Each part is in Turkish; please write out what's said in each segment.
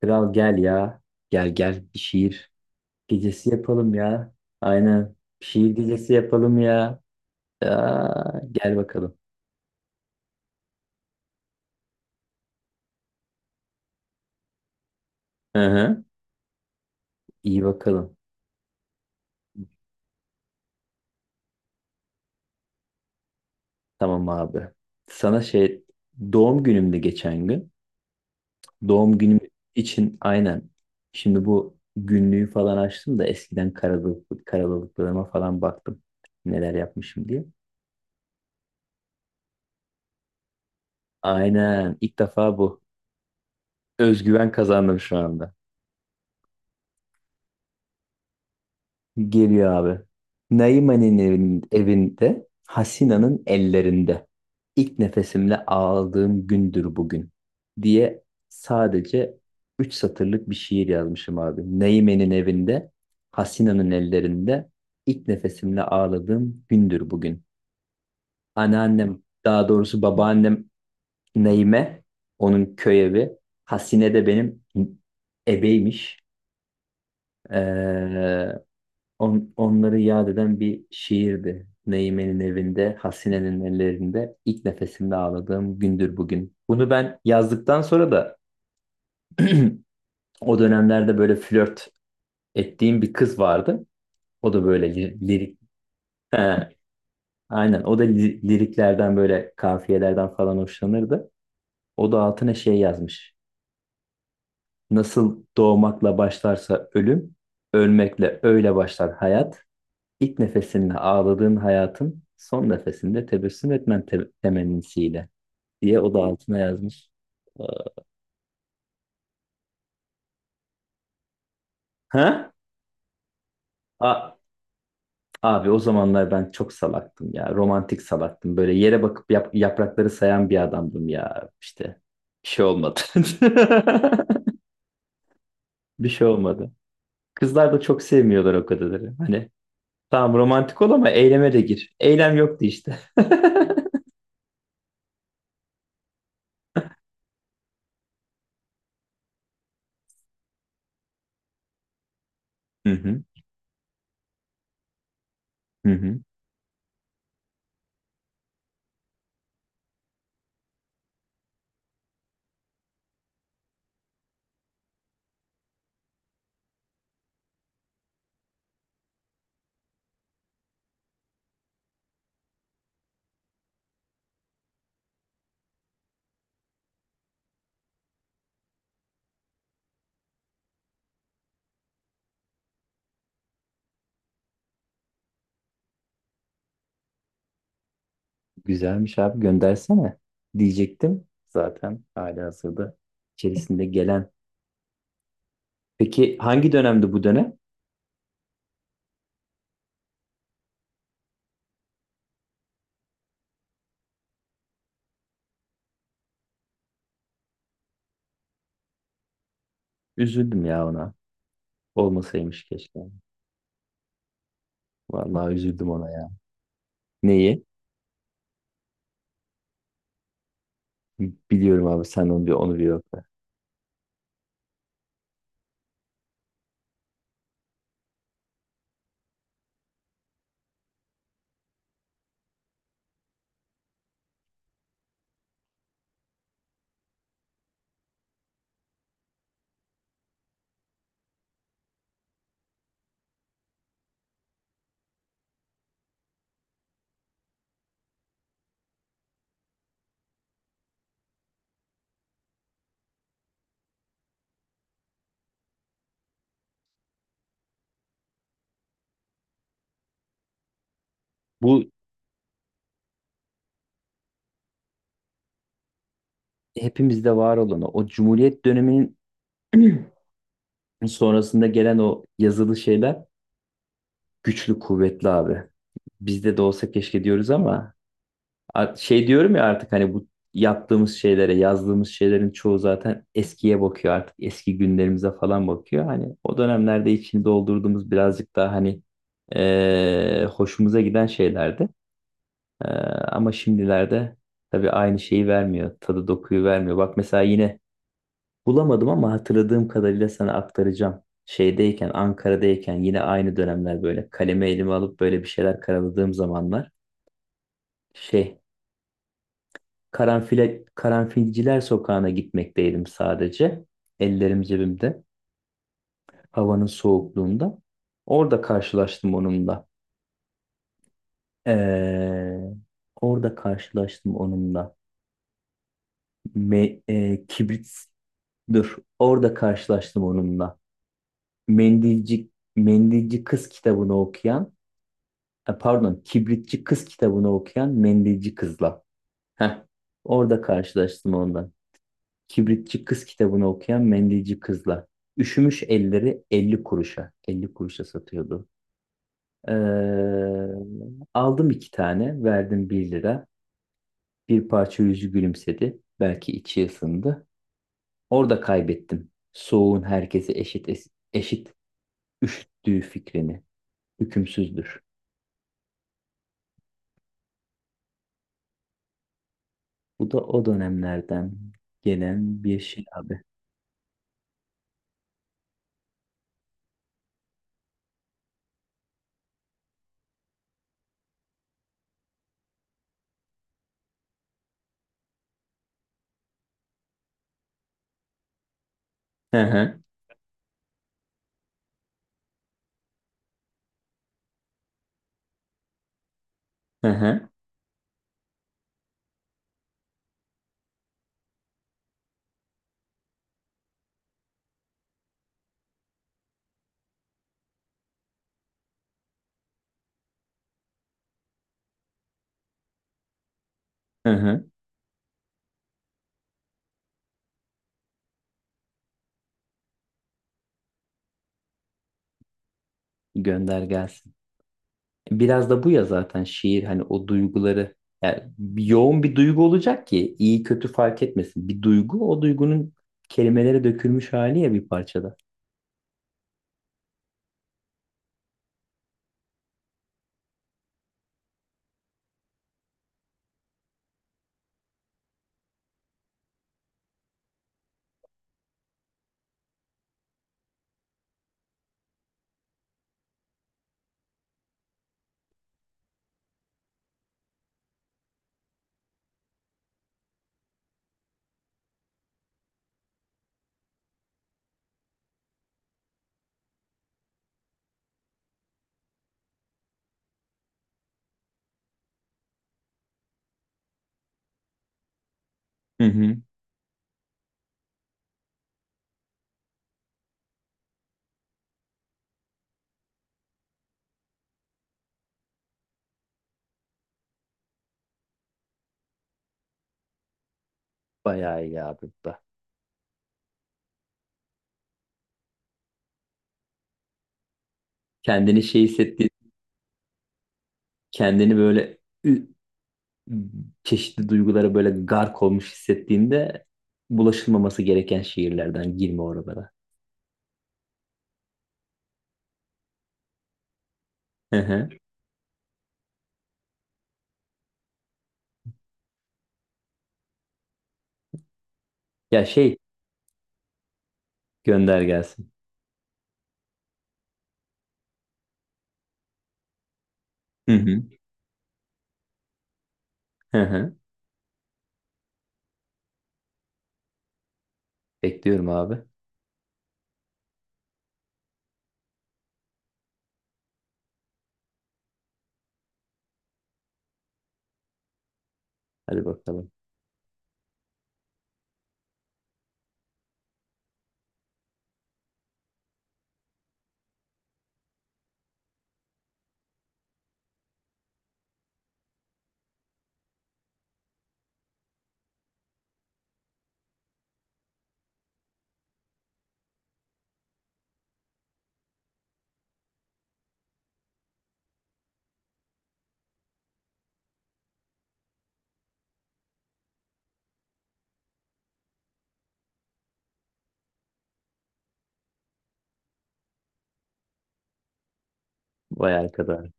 Kral gel ya. Gel gel bir şiir gecesi yapalım ya. Aynen. Bir şiir gecesi yapalım ya. Aa, gel bakalım. Hı hı. İyi bakalım. Tamam abi. Sana şey, doğum günümde geçen gün. Doğum günüm için aynen. Şimdi bu günlüğü falan açtım da eskiden karalılıklarıma falan baktım. Neler yapmışım diye. Aynen. İlk defa bu. Özgüven kazandım şu anda. Geliyor abi. Naiman'in evinde, Hasina'nın ellerinde. İlk nefesimle ağladığım gündür bugün diye sadece 3 satırlık bir şiir yazmışım abi. Naime'nin evinde, Hasina'nın ellerinde ilk nefesimle ağladığım gündür bugün. Anneannem, daha doğrusu babaannem Naime, onun köy evi. Hasine de benim ebeymiş. Ee, Onları yad eden bir şiirdi. Neymen'in evinde, Hasine'nin ellerinde, ilk nefesimde ağladığım gündür bugün. Bunu ben yazdıktan sonra da o dönemlerde böyle flört ettiğim bir kız vardı. O da böyle lirik. He, aynen o da liriklerden böyle kafiyelerden falan hoşlanırdı. O da altına şey yazmış. Nasıl doğmakla başlarsa ölüm, ölmekle öyle başlar hayat. İlk nefesinde ağladığın hayatın, son nefesinde tebessüm etmen temennisiyle diye o da altına yazmış. Ee, Ha? A- abi o zamanlar ben çok salaktım ya. Romantik salaktım. Böyle yere bakıp yaprakları sayan bir adamdım ya. İşte bir şey olmadı. Bir şey olmadı. Kızlar da çok sevmiyorlar o kadarları. Hani tamam romantik ol ama eyleme de gir. Eylem yoktu işte. Hı hı. Hı hı. Güzelmiş abi, göndersene diyecektim. Zaten hali hazırda içerisinde gelen. Peki hangi dönemdi bu dönem? Üzüldüm ya ona. Olmasaymış keşke. Vallahi üzüldüm ona ya. Neyi? Biliyorum abi, sen onu bir yokla. Bu hepimizde var olan o Cumhuriyet döneminin sonrasında gelen o yazılı şeyler güçlü kuvvetli abi. Bizde de olsa keşke diyoruz ama şey diyorum ya, artık hani bu yaptığımız şeylere, yazdığımız şeylerin çoğu zaten eskiye bakıyor artık. Eski günlerimize falan bakıyor. Hani o dönemlerde içini doldurduğumuz birazcık daha hani hoşumuza giden şeylerdi. Eee, Ama şimdilerde tabii aynı şeyi vermiyor. Tadı dokuyu vermiyor. Bak mesela yine bulamadım ama hatırladığım kadarıyla sana aktaracağım. Şeydeyken, Ankara'dayken yine aynı dönemler böyle kalemi elime alıp böyle bir şeyler karaladığım zamanlar. Şey, Karanfile, Karanfilciler Sokağı'na gitmekteydim sadece. Ellerim cebimde. Havanın soğukluğunda. Orada karşılaştım onunla. Ee, Orada karşılaştım onunla. Kibrit, dur. Orada karşılaştım onunla. Mendilci, Mendilci Kız kitabını okuyan, pardon, Kibritçi Kız kitabını okuyan mendilci kızla. Heh, orada karşılaştım ondan. Kibritçi Kız kitabını okuyan mendilci kızla. Üşümüş elleri 50 kuruşa, 50 kuruşa satıyordu. Ee, Aldım iki tane. Verdim bir lira. Bir parça yüzü gülümsedi. Belki içi ısındı. Orada kaybettim soğuğun herkesi eşit eşit üşüttüğü fikrini. Hükümsüzdür. Bu da o dönemlerden gelen bir şey abi. Hı hı, hı hı, hı hı. Gönder gelsin. Biraz da bu ya zaten şiir, hani o duyguları, yani yoğun bir duygu olacak ki iyi kötü fark etmesin. Bir duygu, o duygunun kelimelere dökülmüş hali ya bir parçada. Hı hı. Bayağı iyi abi bu da. Kendini şey hissettiği, kendini böyle ü- çeşitli duygulara böyle gark olmuş hissettiğinde, bulaşılmaması gereken şiirlerden girme oralara. Hı hı. Ya şey, gönder gelsin. Hı hı. Hı hı. Bekliyorum abi. Hadi bakalım. Vay arkadaş.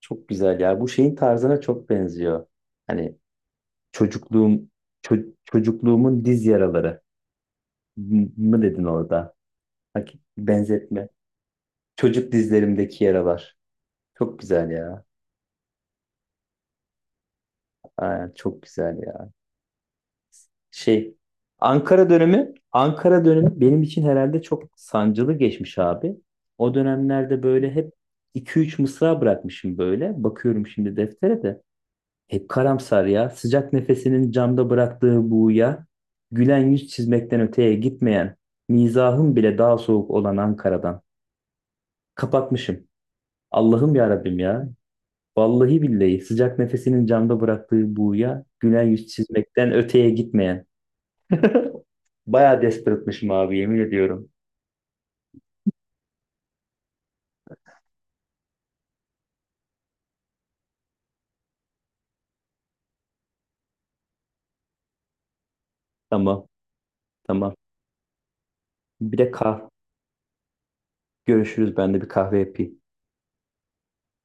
Çok güzel ya. Bu şeyin tarzına çok benziyor. Hani çocukluğum çocukluğumun diz yaraları, mı dedin orada? Bak, benzetme. Çocuk dizlerimdeki yaralar. Çok güzel ya. Aa, çok güzel ya. Şey. Ankara dönemi benim için herhalde çok sancılı geçmiş abi. O dönemlerde böyle hep iki üç mısra bırakmışım böyle. Bakıyorum şimdi deftere de. Hep karamsar ya; sıcak nefesinin camda bıraktığı buğuya gülen yüz çizmekten öteye gitmeyen, mizahım bile daha soğuk olan Ankara'dan. Kapatmışım. Allah'ım ya Rabbim ya. Vallahi billahi, sıcak nefesinin camda bıraktığı buğuya gülen yüz çizmekten öteye gitmeyen. Bayağı desperate'mışım abi, yemin ediyorum. Tamam, tamam. Bir de görüşürüz, ben de bir kahve yapayım.